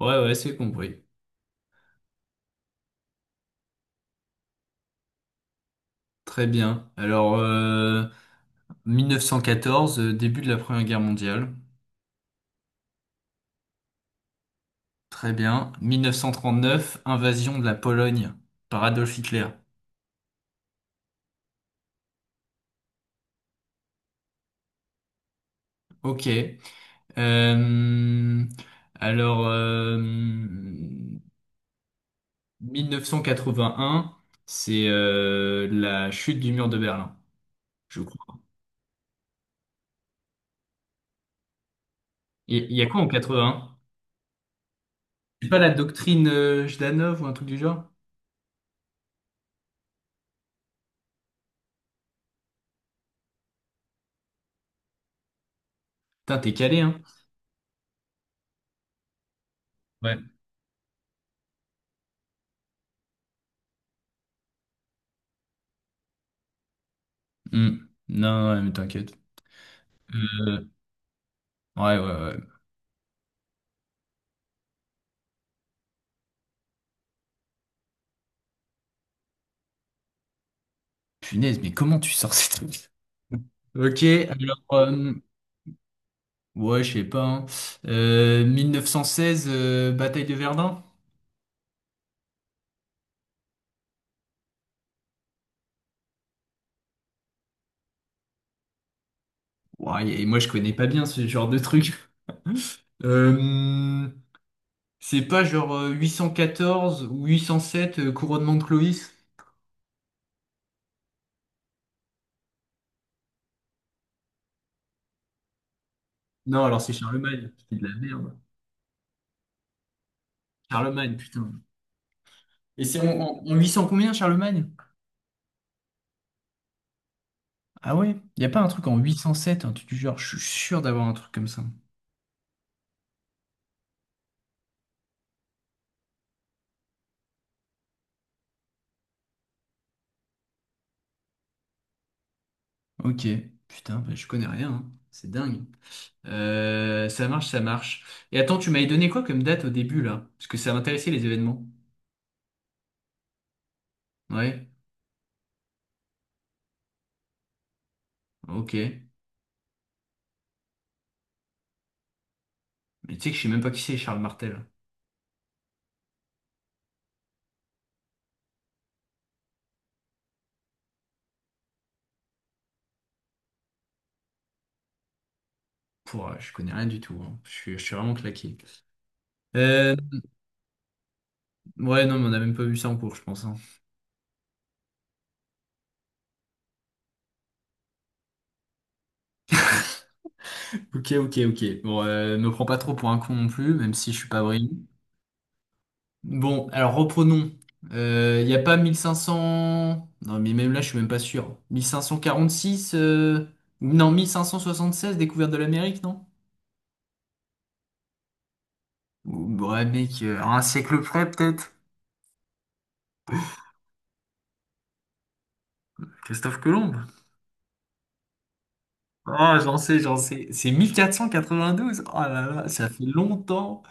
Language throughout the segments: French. Ouais, ouais, c'est compris. Très bien. Alors, 1914, début de la Première Guerre mondiale. Très bien. 1939, invasion de la Pologne par Adolf Hitler. Ok. Euh, alors, 1981, c'est la chute du mur de Berlin, je crois. Il y a quoi en 81? C'est pas la doctrine Jdanov ou un truc du genre? Putain, t'es calé, hein? Ouais. Hmm. Non, ouais, mais t'inquiète. Euh, Ouais, ouais, ouais. Punaise, mais comment tu sors ces trucs? Ok, alors, ouais, je sais pas, hein. 1916, bataille de Verdun? Ouais, et moi je connais pas bien ce genre de truc. Euh, c'est pas genre 814 ou 807, couronnement de Clovis? Non, alors c'est Charlemagne. C'est de la merde. Charlemagne, putain. Et c'est en 800 combien, Charlemagne? Ah ouais? Y a pas un truc en 807, un truc du genre, je suis sûr d'avoir un truc comme ça. Ok, putain, bah, je connais rien, hein. C'est dingue. Ça marche, ça marche. Et attends, tu m'avais donné quoi comme date au début là? Parce que ça m'intéressait les événements. Ouais, ok. Mais tu sais que je sais même pas qui c'est Charles Martel. Pour, je connais rien du tout, hein. Je suis vraiment claqué. Euh, ouais, non, mais on a même pas vu ça en cours, je pense, hein. Ok, ok, ok. Bon, me prends pas trop pour un con non plus, même si je suis pas brillant. Bon, alors reprenons. Il n'y a pas 1500. Non, mais même là, je suis même pas sûr. 1546, non, 1576 découverte de l'Amérique, non? Ouais, mec, à un siècle près, peut-être. Christophe Colomb. Ah, j'en sais, j'en sais. C'est mille quatre quatre-vingt-douze cent quatre-vingt-douze. Oh là là, ça fait longtemps.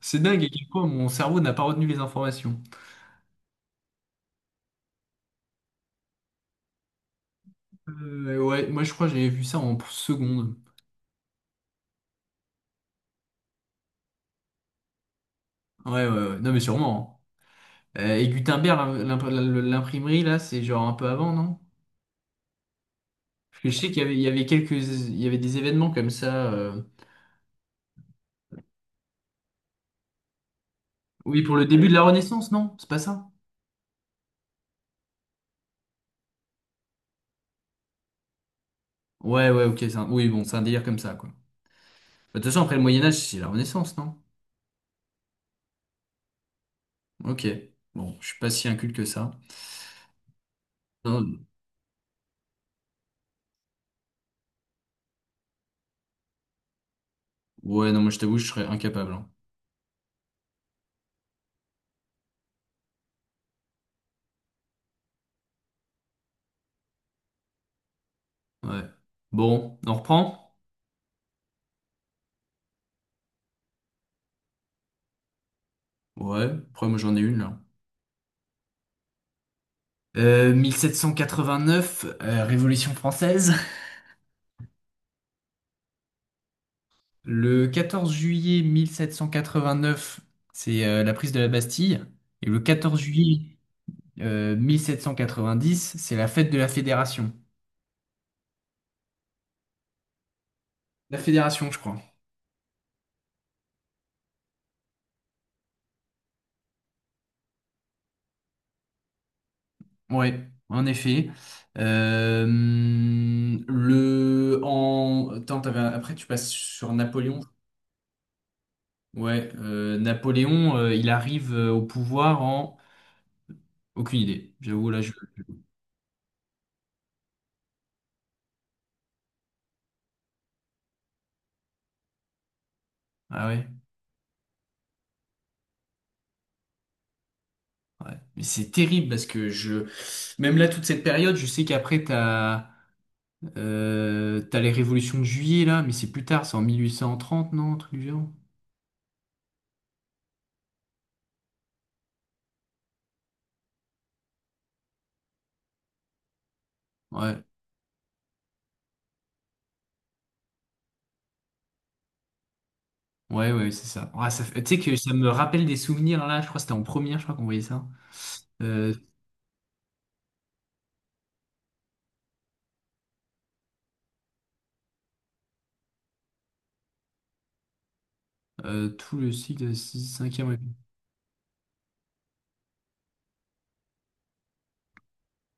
C'est dingue à quel point mon cerveau n'a pas retenu les informations. Ouais, moi je crois que j'avais vu ça en seconde. Ouais, ouais, ouais. Non, mais sûrement, hein. Et Gutenberg, l'imprimerie, là, c'est genre un peu avant, non? Parce que je sais qu'il y avait, il y avait quelques, il y avait des événements comme ça. Oui, pour le début de la Renaissance, non? C'est pas ça? Ouais, ouais, ok. Oui, bon, c'est un délire comme ça, quoi. Bah, de toute façon, après le Moyen-Âge, c'est la Renaissance, non? Ok. Bon, je suis pas si inculte que ça. Non, ouais, non, moi je t'avoue, je serais incapable, hein. Ouais. Bon, on reprend? Ouais, après moi j'en ai une là. 1789, Révolution française. Le 14 juillet 1789, c'est la prise de la Bastille. Et le 14 juillet 1790, c'est la fête de la Fédération. La Fédération, je crois. Ouais, en effet. Euh, le en attends, t'avais un- Après tu passes sur Napoléon. Ouais, Napoléon, il arrive au pouvoir en... aucune idée. J'avoue là, je... ah ouais, ouais. Mais c'est terrible parce que je même là toute cette période, je sais qu'après t'as les révolutions de Juillet là, mais c'est plus tard, c'est en 1830, non, un truc du genre. Ouais, ouais, ouais, c'est ça. Ah, tu sais que ça me rappelle des souvenirs là. Je crois que c'était en première, je crois qu'on voyait ça. Euh, Tout le cycle de 6, 5.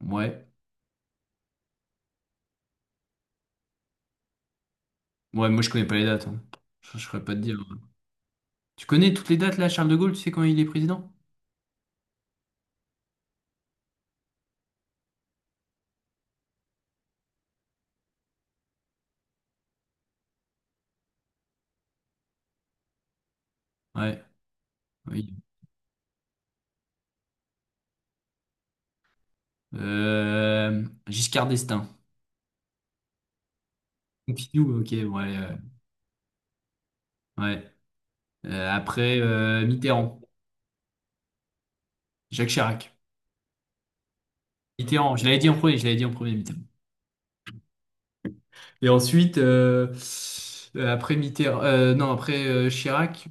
Ouais. Ouais, moi je connais pas les dates, hein. Je saurais pas te dire, hein. Tu connais toutes les dates là, Charles de Gaulle, tu sais quand il est président? Ouais, oui. Giscard d'Estaing. Pompidou, ok, ouais. Ouais. Après, Mitterrand. Jacques Chirac. Mitterrand, je l'avais dit en premier, je l'avais dit en premier, Mitterrand. Et ensuite, après Mitterrand, non, après Chirac.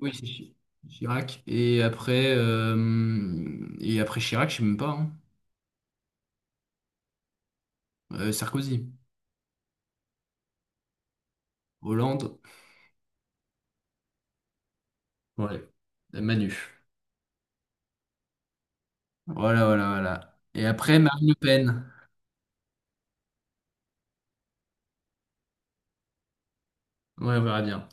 Oui, Chirac. Et après Chirac, je sais même pas, hein. Sarkozy. Hollande, ouais, Manu. Voilà, voilà, voilà. Et après, Marine Le Pen. Ouais, on verra bien.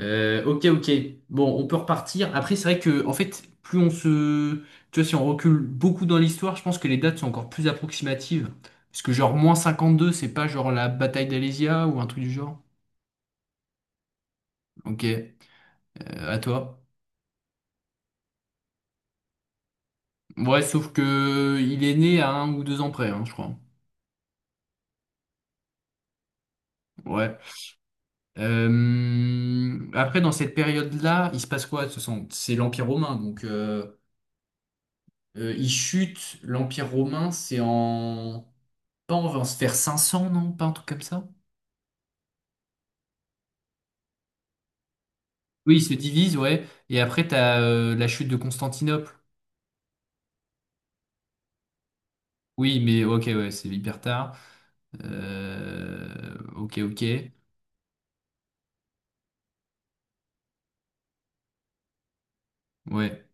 Ok, ok. Bon, on peut repartir. Après, c'est vrai que, en fait, tu vois, si on recule beaucoup dans l'histoire, je pense que les dates sont encore plus approximatives. Parce que genre, moins 52, c'est pas genre la bataille d'Alésia ou un truc du genre. Ok, à toi. Ouais, sauf que il est né à un ou deux ans près, hein, je crois. Ouais. Après, dans cette période-là, il se passe quoi? C'est l'Empire romain, donc il chute. L'Empire romain, c'est en... pas on va se faire 500 non? Pas un truc comme ça? Oui, il se divise, ouais. Et après, t'as la chute de Constantinople. Oui, mais ok, ouais, c'est hyper tard. Ok, ok, ouais,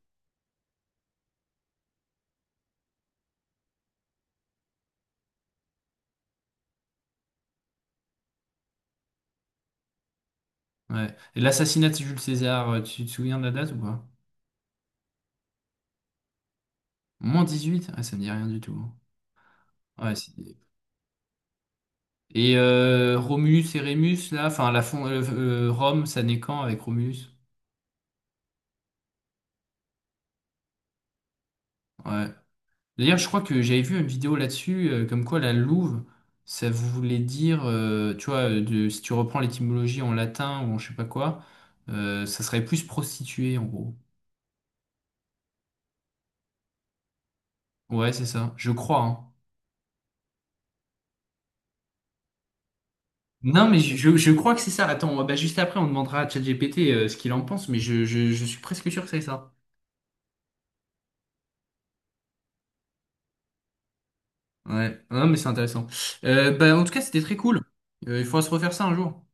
ouais. Et l'assassinat de Jules César, tu te souviens de la date ou pas? Moins 18? Ah, ça me dit rien du tout. Ouais, c'est... Et Romulus et Rémus, là, enfin, Rome, ça naît quand avec Romulus? Ouais. D'ailleurs, je crois que j'avais vu une vidéo là-dessus, comme quoi la louve, ça voulait dire, tu vois, de, si tu reprends l'étymologie en latin ou en je sais pas quoi, ça serait plus prostituée, en gros. Ouais, c'est ça, je crois, hein. Non, mais je crois que c'est ça. Attends, bah, juste après, on demandera à ChatGPT ce qu'il en pense, mais je suis presque sûr que c'est ça. Ouais, non, mais c'est intéressant. Bah, en tout cas, c'était très cool. Il faudra se refaire ça un jour.